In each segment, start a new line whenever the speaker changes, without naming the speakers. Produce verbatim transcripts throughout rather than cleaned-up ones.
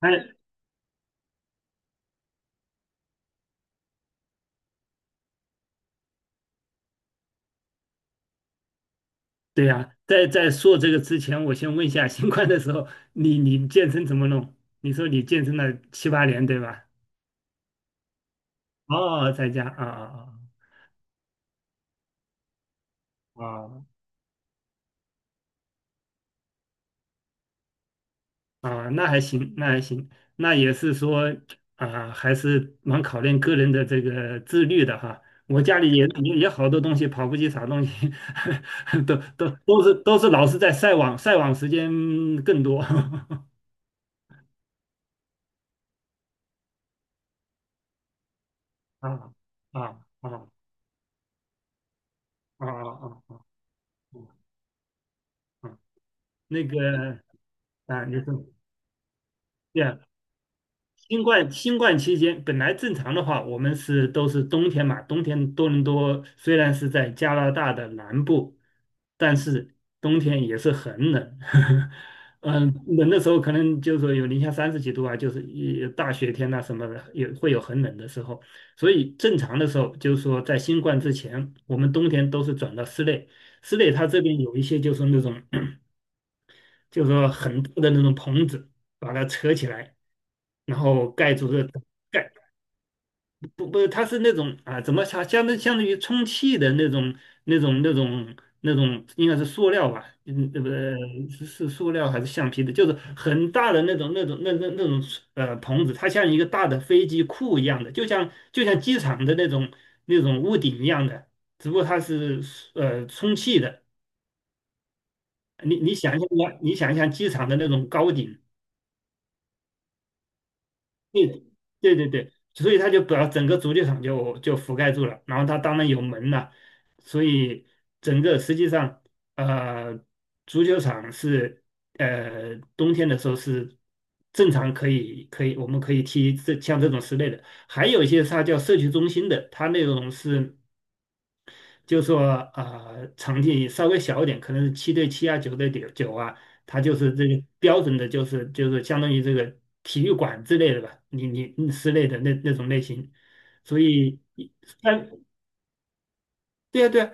哎，对呀、在在说这个之前，我先问一下，新冠的时候，你你健身怎么弄？你说你健身了七八年，对吧？哦，在家啊啊啊啊，啊那还行，那还行，那也是说啊，还是蛮考验个人的这个自律的哈。我家里也也也好多东西，跑步机啥东西，都都都是都是老是在晒网，晒网时间更多。啊啊啊啊啊啊啊！啊啊那个，啊，就是对，新冠新冠期间本来正常的话，我们是都是冬天嘛，冬天多伦多虽然是在加拿大的南部，但是冬天也是很冷，嗯，冷的时候可能就是说有零下三十几度啊，就是一大雪天呐、什么的，也会有很冷的时候。所以正常的时候，就是说在新冠之前，我们冬天都是转到室内，室内它这边有一些就是那种。就是说很多的那种棚子把它扯起来，然后盖住这盖不不，它是那种啊，怎么它相当相当于充气的那种那种那种那种，应该是塑料吧？嗯，呃不，是是塑料还是橡皮的？就是很大的那种那种那那那种呃棚子，它像一个大的飞机库一样的，就像就像机场的那种那种屋顶一样的，只不过它是呃充气的。你你想象一下，你想一下机场的那种高顶。对对对对，所以他就把整个足球场就就覆盖住了，然后他当然有门了，所以整个实际上，呃，足球场是呃冬天的时候是正常可以可以我们可以踢这像这种室内的，还有一些它叫社区中心的，它那种是。就说啊，场地稍微小一点，可能是七对七啊，九对九九啊，它就是这个标准的，就是就是相当于这个体育馆之类的吧，你你你室内的那那种类型，所以但对啊对啊，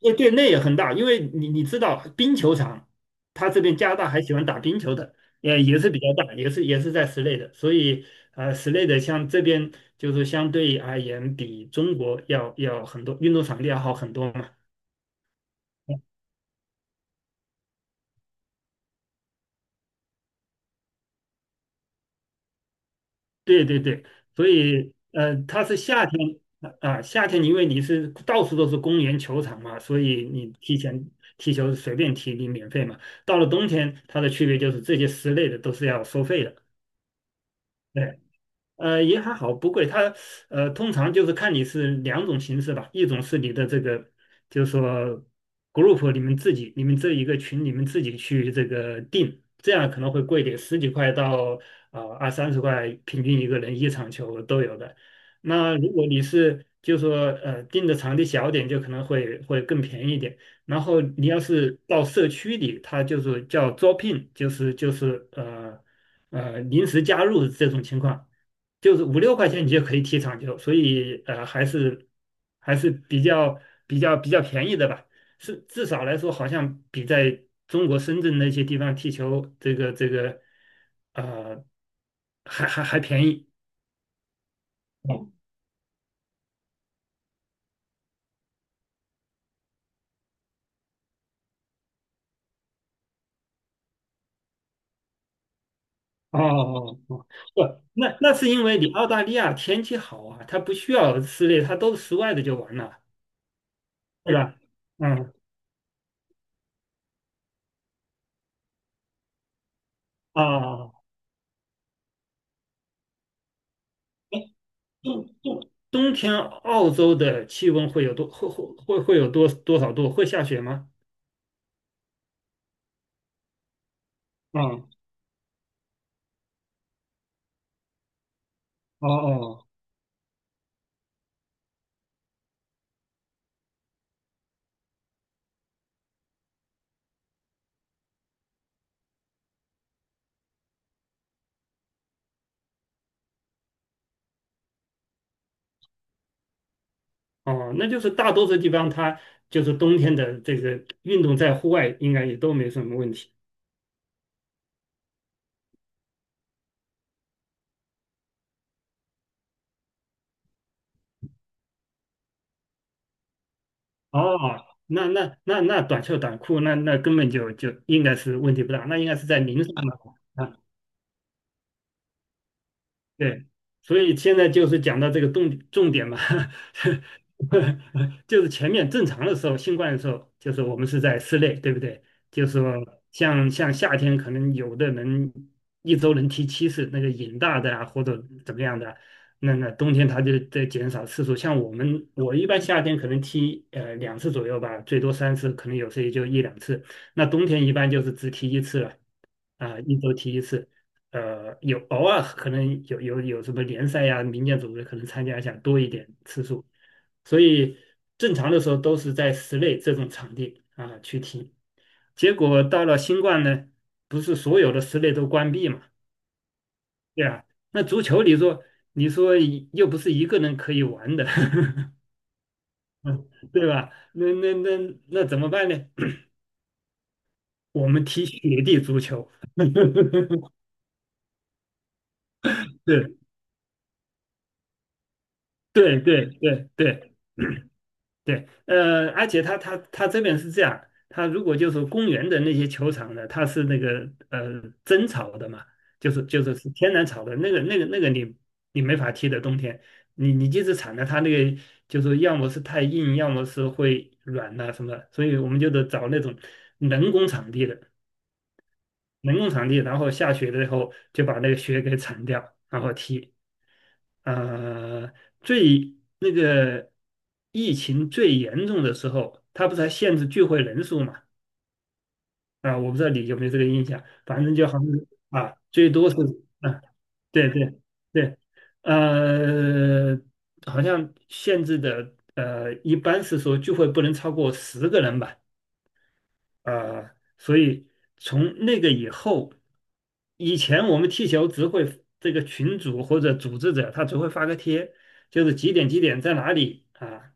对对那也很大，因为你你知道冰球场，他这边加拿大还喜欢打冰球的，也也是比较大，也是也是在室内的，所以呃室内的像这边就是相对而言比中国要要很多运动场地要好很多嘛。对对对，所以呃，它是夏天啊，夏天因为你是到处都是公园球场嘛，所以你提前踢球是随便踢，你免费嘛。到了冬天，它的区别就是这些室内的都是要收费的。对。呃，也还好，不贵。它呃，通常就是看你是两种形式吧，一种是你的这个，就是说 group 你们自己，你们这一个群你们自己去这个定，这样可能会贵一点，十几块到啊二三十块，平均一个人一场球都有的。那如果你是就说呃定的场地小点，就可能会会更便宜一点。然后你要是到社区里，它就是叫招聘，就是就是呃呃临时加入这种情况。就是五六块钱你就可以踢场球，所以呃还是还是比较比较比较便宜的吧，是至少来说好像比在中国深圳那些地方踢球这个这个呃还还还便宜。哦哦哦，哦，不，那那是因为你澳大利亚天气好啊，它不需要室内，它都室外的就完了，对吧？嗯啊啊啊冬冬冬天澳洲的气温会有多会会会会有多多少度？会下雪吗？嗯，哦哦哦，那就是大多数地方它就是冬天的这个运动在户外应该也都没什么问题。哦，那那那那短袖短裤那那根本就就应该是问题不大，那应该是在零上的。啊对，所以现在就是讲到这个重重点嘛，就是前面正常的时候，新冠的时候，就是我们是在室内，对不对？就是说像像夏天，可能有的人一周能踢七次，那个瘾大的啊，或者怎么样的，那那冬天他就在减少次数。像我们，我一般夏天可能踢呃两次左右吧，最多三次，可能有时也就一两次。那冬天一般就是只踢一次了，啊、一周踢一次。呃，有偶尔可能有有有什么联赛呀、民间组织可能参加一下多一点次数，所以正常的时候都是在室内这种场地啊去踢。结果到了新冠呢，不是所有的室内都关闭嘛，对吧？那足球你说你说又不是一个人可以玩的，对吧？那那那那怎么办呢？我们踢雪地足球，对对对对。对对，呃，而且他他他这边是这样，他如果就是公园的那些球场呢，它是那个呃真草的嘛，就是就是是天然草的，那个那个那个你你没法踢的，冬天你你即使铲了它那个，就是要么是太硬，要么是会软呐、什么所以我们就得找那种人工场地的，人工场地，然后下雪了以后就把那个雪给铲掉，然后踢。呃，最那个疫情最严重的时候，他不是还限制聚会人数嘛？啊，我不知道你有没有这个印象，反正就好像是啊，最多是啊，对对对，呃，好像限制的呃，一般是说聚会不能超过十个人吧。啊，所以从那个以后，以前我们踢球只会这个群主或者组织者他只会发个贴，就是几点几点在哪里啊，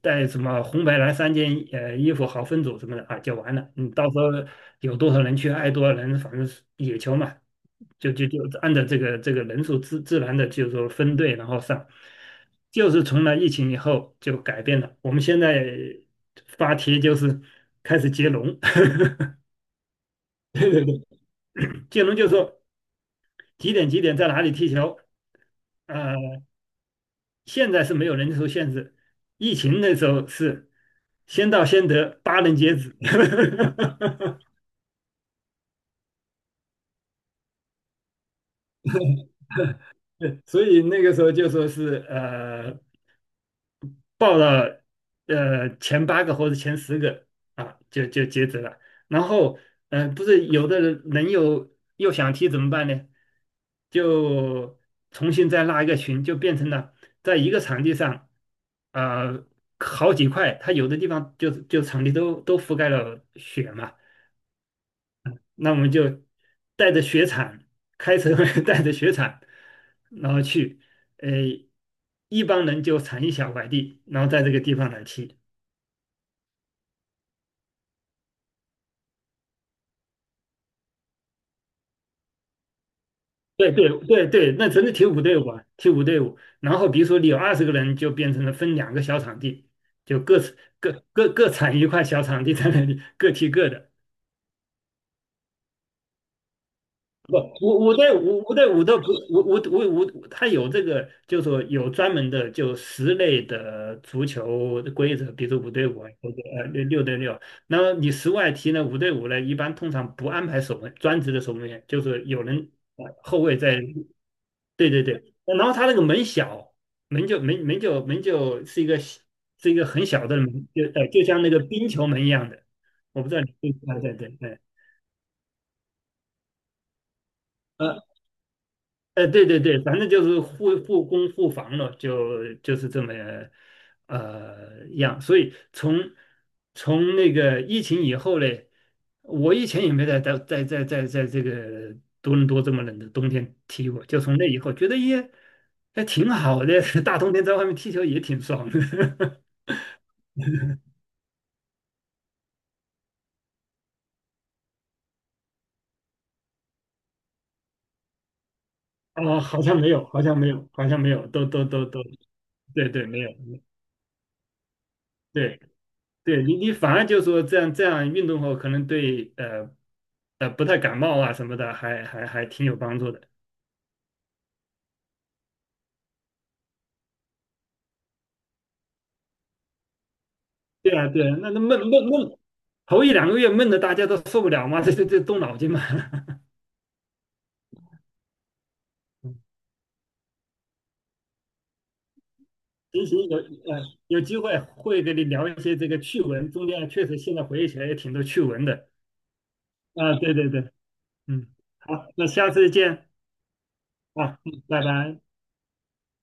带什么红白蓝三件呃衣服好分组什么的啊就完了。你到时候有多少人去，爱多少人，反正是野球嘛，就就就按照这个这个人数自自然的就是说分队然后上，就是从那疫情以后就改变了。我们现在发帖就是开始接龙，对对对接龙就说几点几点在哪里踢球，呃，现在是没有人数限制，疫情那时候是先到先得，八人截止。对所以那个时候就说是呃，报了呃前八个或者前十个啊，就就截止了。然后嗯、呃不是有的人人又又想踢怎么办呢？就重新再拉一个群，就变成了在一个场地上啊、好几块，它有的地方就就场地都都覆盖了雪嘛。那我们就带着雪铲，开车 带着雪铲，然后去，呃，一帮人就铲一小块地，然后在这个地方来踢。对对对对，那只是替补队伍啊，替补队伍。然后比如说你有二十个人，就变成了分两个小场地，就各各各各产一块小场地在那里各踢各的。不，五五对五五对五的不五五五五，它有这个，就是说有专门的就十类的足球的规则，比如五对五啊或者呃六六对六。那么你十外踢呢，五对五呢，一般通常不安排守门，专职的守门员，就是有人呃后卫在。对对对，然后他那个门小，门就门门就门就是一个小是一个很小的门，就呃就像那个冰球门一样的，我不知道你对对对对。呃，对对对，反正就是互互攻互防了，就就是这么呃样。所以从从那个疫情以后嘞，我以前也没在在在在在在这个多伦多这么冷的冬天踢过，就从那以后觉得也还挺好的，大冬天在外面踢球也挺爽的。哦，好像没有，好像没有，好像没有，都都都都，对对，没有，对。对你，你反而就说这样这样运动后，可能对呃呃不太感冒啊什么的，还还还挺有帮助的。对啊，对啊，那那闷闷闷，头一两个月闷的大家都受不了嘛，这这这动脑筋嘛。嗯行行，有呃有机会会跟你聊一些这个趣闻，中间确实现在回忆起来也挺多趣闻的。啊，对对对，嗯，好，那下次见啊，嗯拜拜。